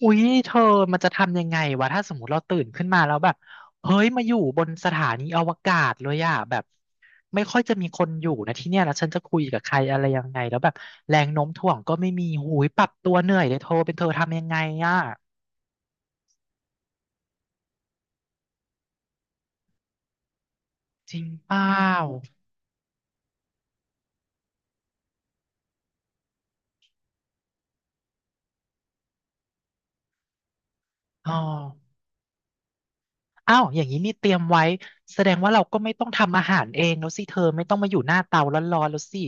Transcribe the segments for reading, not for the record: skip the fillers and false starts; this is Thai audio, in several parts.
อุ๊ยเธอมันจะทำยังไงวะถ้าสมมติเราตื่นขึ้นมาแล้วแบบเฮ้ยมาอยู่บนสถานีอวกาศเลยอะแบบไม่ค่อยจะมีคนอยู่นะที่เนี่ยแล้วฉันจะคุยกับใครอะไรยังไงแล้วแบบแรงโน้มถ่วงก็ไม่มีหูยปรับตัวเหนื่อยเลยเธอเป็นเธอทำยังไงอะจริงเปล่าอ๋ออ้าวอย่างนี้นี่เตรียมไว้แสดงว่าเราก็ไม่ต้องทำอาหารเองแล้วสิเธอไม่ต้องมาอยู่หน้าเตาร้อนๆแล้วสิ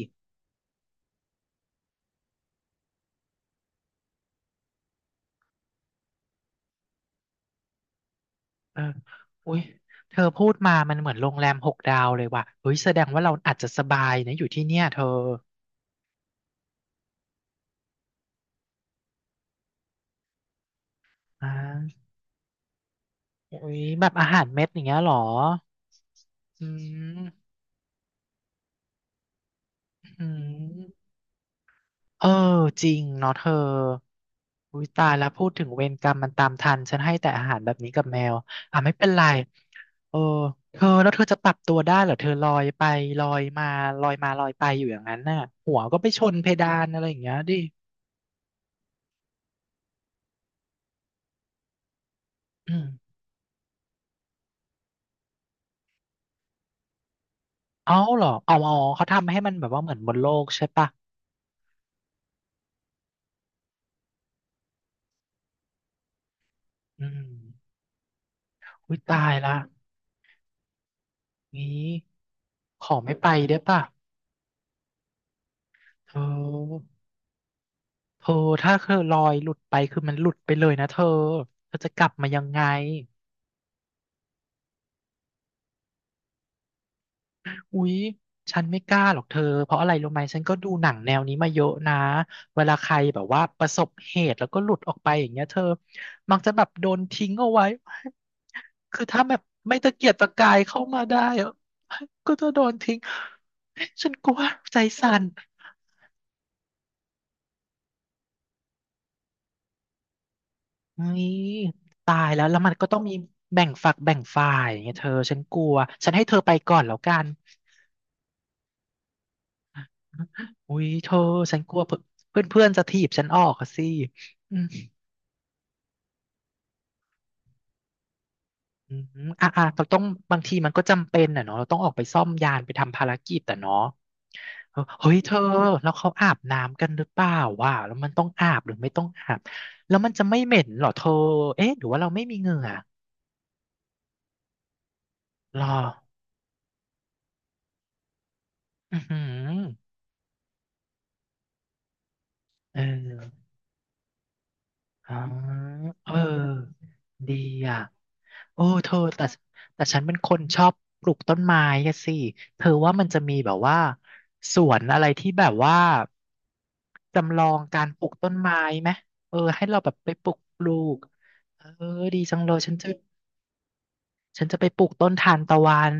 เอออุ้ยเธอพูดมามันเหมือนโรงแรมหกดาวเลยว่ะเฮ้ยแสดงว่าเราอาจจะสบายนะอยู่ที่เนี่ยเธออ่าอุ้ยแบบอาหารเม็ดอย่างเงี้ยเหรออืมอืมเออจริงเนาะเธออุ้ยตายแล้วพูดถึงเวรกรรมมันตามทันฉันให้แต่อาหารแบบนี้กับแมว อ่ะไม่เป็นไรเออเธอแล้วเธอจะปรับตัวได้เหรอเธอลอยไปลอยมาลอยมาลอยไปอยู่อย่างนั้นน่ะหัวก็ไปชนเพดานอะไรอย่างเงี้ยดิ เอาเหรอเอาเอาเขาทำให้มันแบบว่าเหมือนบนโลกใช่ปะอืมอุ้ยตายละงี้ขอไม่ไปได้ปะเธอเธอถ้าเธอลอยหลุดไปคือมันหลุดไปเลยนะเธอเธอจะกลับมายังไงอุ๊ยฉันไม่กล้าหรอกเธอเพราะอะไรรู้ไหมฉันก็ดูหนังแนวนี้มาเยอะนะเวลาใครแบบว่าประสบเหตุแล้วก็หลุดออกไปอย่างเงี้ยเธอมักจะแบบโดนทิ้งเอาไว้ คือถ้าแบบไม่ตะเกียกตะกายเข้ามาได้อะก็จะโดนทิ้งฉันกลัวใจสั่นนี่ตายแล้วแล้วมันก็ต้องมีแบ่งฝักแบ่งฝ่ายไงเธอฉันกลัวฉันให้เธอไปก่อนแล้วกันอุ้ยเธอฉันกลัวเพื่อนเพื่อนๆจะถีบฉันออกอะสิ อืมอ่ะอ่ะเราต้องบางทีมันก็จำเป็นอ่ะเนาะเราต้องออกไปซ่อมยานไปทำภารกิจแต่เนาะเออเฮ้ยเธอแล้วเขาอาบน้ำกันหรือเปล่าว่ะแล้วมันต้องอาบหรือไม่ต้องอาบแล้วมันจะไม่เหม็นเหรอเธอเอ๊ะหรือว่าเราไม่มีเหงื่อหรออือหือเอออ๋อเออดีอ่ะ โอ้เธอแต่แต่ฉันเป็นคนชอบปลูกต้นไม้อะสิเธอว่ามันจะมีแบบว่าสวนอะไรที่แบบว่าจำลองการปลูกต้นไม้ไหมเออให้เราแบบไปปลูกเออดีจังเลยฉันจะไปปลูกต้นทานตะวัน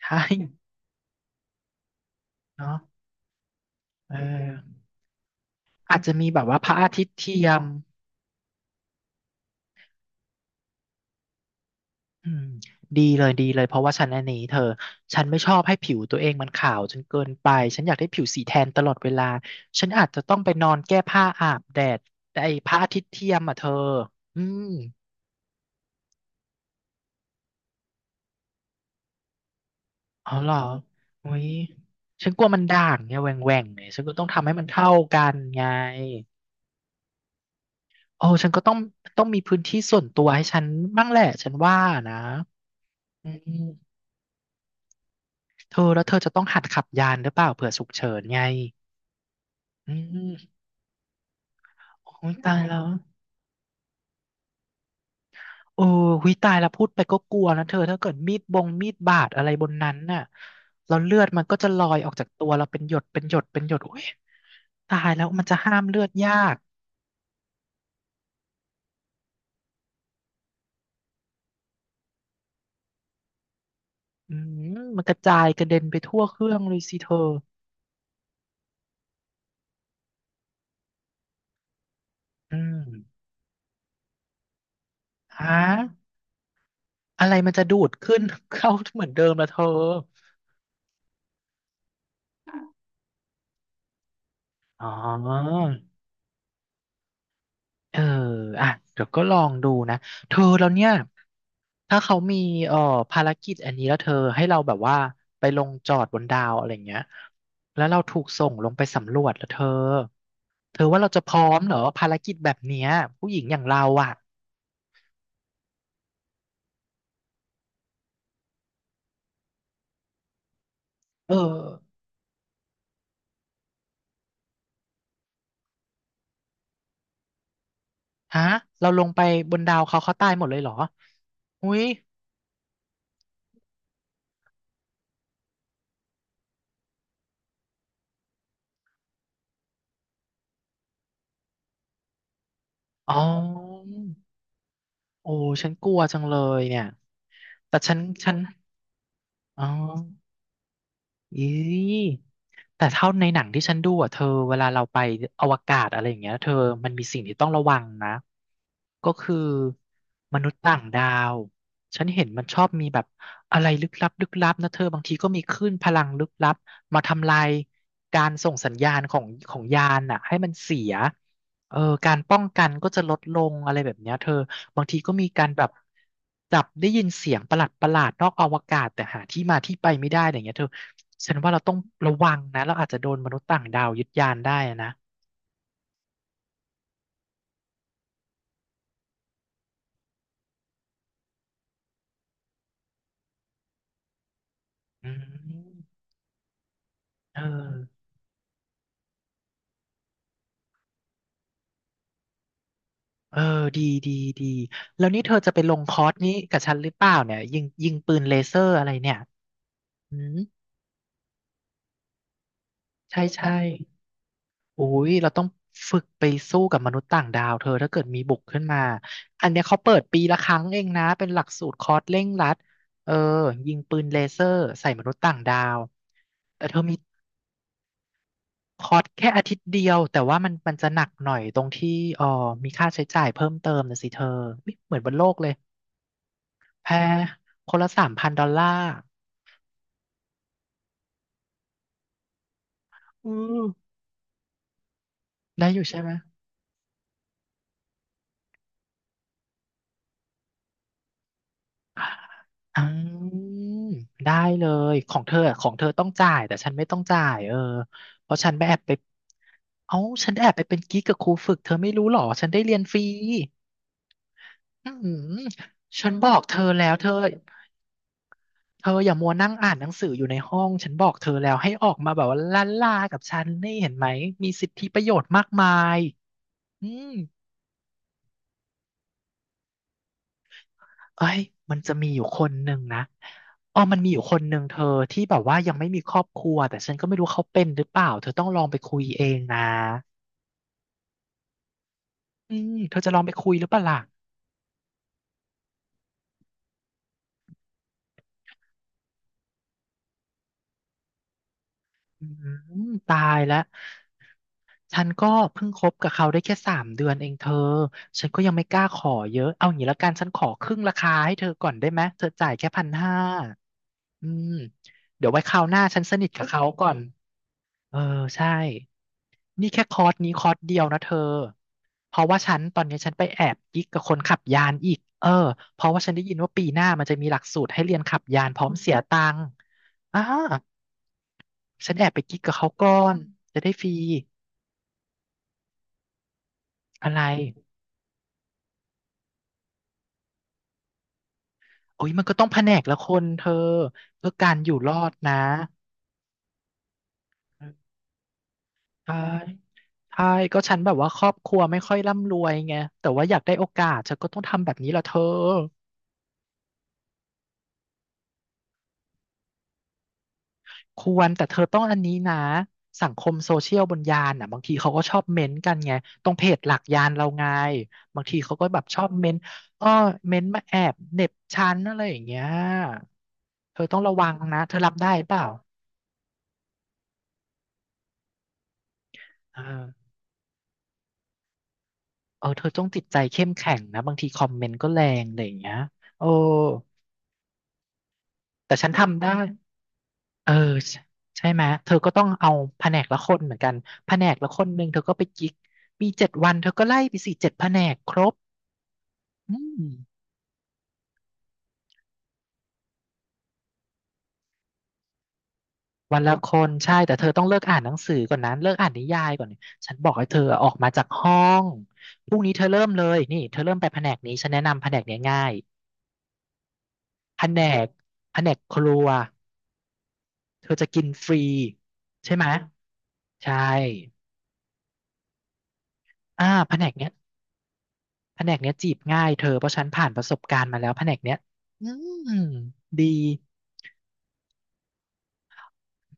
ใช่เนาะเอออาจจะมีแบบว่าพระอาทิตย์เทียม อืมดีเลยดีเลยเพราะว่าฉันอันนี้เธอฉันไม่ชอบให้ผิวตัวเองมันขาวจนเกินไปฉันอยากได้ผิวสีแทนตลอดเวลาฉันอาจจะต้องไปนอนแก้ผ้าอาบแดดแต่ไอ้พระอาทิตย์เทียมอ่ะเธออืมเอาเหรอโอ้ยฉันกลัวมันด่างเนี่ยแหว่งแหว่งเนี่ยฉันก็ต้องทำให้มันเท่ากันไงโอ้ฉันก็ต้องมีพื้นที่ส่วนตัวให้ฉันบ้างแหละฉันว่านะอืมเธอแล้วเธอจะต้องหัดขับยานหรือเปล่าเผื่อฉุกเฉินไงอืมโอ้ยตายแล้ว โอ้หุยตายแล้วพูดไปก็กลัวนะเธอถ้าเกิดมีดบงมีดบาดอะไรบนนั้นน่ะแล้วเลือดมันก็จะลอยออกจากตัวเราเป็นหยดเป็นหยดเป็นหยดโอ้ยตายแล้วมันจะห้ามเลือดยากอืมมันกระจายกระเด็นไปทั่วเครื่องเลยสิเธออืมฮะอะไรมันจะดูดขึ้น เข้าเหมือนเดิมละเธออ๋อ เอออ่ะเดี๋ยวก็ลองดูนะเธอแล้วเนี่ยถ้าเขามีเอ่อภารกิจอันนี้แล้วเธอให้เราแบบว่าไปลงจอดบนดาวอะไรเงี้ยแล้วเราถูกส่งลงไปสำรวจแล้วเธอเธอว่าเราจะพร้อมเหรอภารกิจแบบเนี้ยผู้หญิงอย่างเราอ่ะเออฮะเราลงไปบนดาวเขาเขาตายหมดเลยเหรออุ้ยอ๋อโอ้ฉันกลัวจังเลยเนี่ยแต่ฉันอ๋อ อีแต่เท่าในหนังที่ฉันดูอ่ะเธอเวลาเราไปอวกาศอะไรอย่างเงี้ยเธอมันมีสิ่งที่ต้องระวังนะก็คือมนุษย์ต่างดาวฉันเห็นมันชอบมีแบบอะไรลึกลับลึกลับนะเธอบางทีก็มีคลื่นพลังลึกลับมาทำลายการส่งสัญญาณของของยานน่ะให้มันเสียเออการป้องกันก็จะลดลงอะไรแบบเนี้ยเธอ บางทีก็มีการแบบจับได้ยินเสียงประหลาดประหลาดนอกอวกาศแต่หาที่มาที่ไปไม่ได้อะไรอย่างเงี้ยเธอฉันว่าเราต้องระวังนะเราอาจจะโดนมนุษย์ต่างดาวยึดยานได้นะอืมเออเออดีดีดีแล้วนี่เธอจะไปลงคอร์สนี้กับฉันหรือเปล่าเนี่ยยิงปืนเลเซอร์อะไรเนี่ยอืมใช่ใช่ อุ้ย เราต้องฝึกไปสู้กับมนุษย์ต่างดาวเธอถ้าเกิดมีบุกขึ้นมา อันเนี้ยเขาเปิดปีละครั้งเองนะ เป็นหลักสูตรคอร์สเร่งรัด เออ ยิงปืนเลเซอร์ใส่มนุษย์ต่างดาว แต่เธอมีคอร์สแค่อาทิตย์เดียวแต่ว่ามันจะหนักหน่อยตรงที่อ๋อมีค่าใช้จ่ายเพิ่มเติมนะสิเธออุ๊ยเหมือนบนโลกเลยแพงคนละ$3,000อือได้อยู่ใช่ไหม อ่าได้เลยของเธออะของเธอต้องจ่ายแต่ฉันไม่ต้องจ่ายเออเพราะฉันไปแอบไปเอ้าฉันแอบไปเป็นกิ๊กกับครูฝึกเธอไม่รู้หรอฉันได้เรียนฟรีอืมฉันบอกเธอแล้วเธอเธออย่ามัวนั่งอ่านหนังสืออยู่ในห้องฉันบอกเธอแล้วให้ออกมาแบบว่าล่าล่ากับฉันนี่เห็นไหมมีสิทธิประโยชน์มากมายอืม เอ้ยมันจะมีอยู่คนหนึ่งนะอ๋อมันมีอยู่คนหนึ่งเธอที่แบบว่ายังไม่มีครอบครัวแต่ฉันก็ไม่รู้เขาเป็นหรือเปล่าเธอต้องลองไปคุยเองนะอืมเธอจะลองไปคุยหรือเปล่าล่ะอืม ตายแล้ว ฉันก็เพิ่งคบกับเขาได้แค่3 เดือนเองเธอ ฉันก็ยังไม่กล้าขอเยอะ เอาอย่างนี้ละกันฉันขอครึ่งราคาให้เธอก่อนได้ไหมเธอจ่ายแค่1,500อืมเดี๋ยวไว้คราวหน้าฉันสนิทกับเขาก่อน เออใช่นี่แค่คอร์สนี้คอร์สเดียวนะเธอเพราะว่าฉันตอนนี้ฉันไปแอบกิ๊กกับคนขับยานอีก เออเพราะว่าฉันได้ยินว่าปีหน้ามันจะมีหลักสูตรให้เรียนขับยานพร้อมเสียตังค์อ่าฉันแอบไปกิ๊กกับเขาก่อนจะได้ฟรีอะไรโอ้ยมันก็ต้องแผนกละคนเธอเพื่อการอยู่รอดนะใช่ใช่ก็ฉันแบบว่าครอบครัวไม่ค่อยร่ำรวยไงแต่ว่าอยากได้โอกาสฉันก็ต้องทำแบบนี้ละเธอ ควรแต่เธอต้องอันนี้นะสังคมโซเชียลบนยานอ่ะบางทีเขาก็ชอบเม้นต์กันไงตรงเพจหลักยานเราไงบางทีเขาก็แบบชอบเม้นต์อ้อเม้นต์มาแอบเหน็บชั้นอะไรอย่างเงี้ยเธอต้องระวังนะเธอรับได้เปล่าเออเออเธอต้องจิตใจเข้มแข็งนะบางทีคอมเมนต์ก็แรงอะไรอย่างเงี้ยโอ้แต่ฉันทำได้เออใช่ใช่ไหมเธอก็ต้องเอาแผนกละคนเหมือนกันแผนกละคนหนึ่งเธอก็ไปกิ๊กมี7 วันเธอก็ไล่ไปสี่เจ็ดแผนกครบ อืมวันละคนใช่แต่เธอต้องเลิกอ่านหนังสือก่อนนะเลิกอ่านนิยายก่อนฉันบอกให้เธอออกมาจากห้องพรุ่งนี้เธอเริ่มเลยนี่เธอเริ่มไปแผนกนี้ฉันแนะนำแผนกเนี้ยง่ายแผนกแผนกครัวเธอจะกินฟรีใช่ไหมใช่อ่าแผนกเนี้ยแผนกเนี้ยจีบง่ายเธอเพราะฉันผ่านประสบการณ์มาแล้วแผนกเนี้ยอืมดี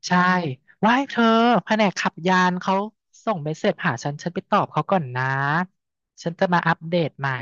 ใช่ว่าให้เธอแผนกขับยานเขาส่งเมสเสจหาฉัน ฉันไปตอบเขาก่อนนะ ฉันจะมาอัปเดตใหม่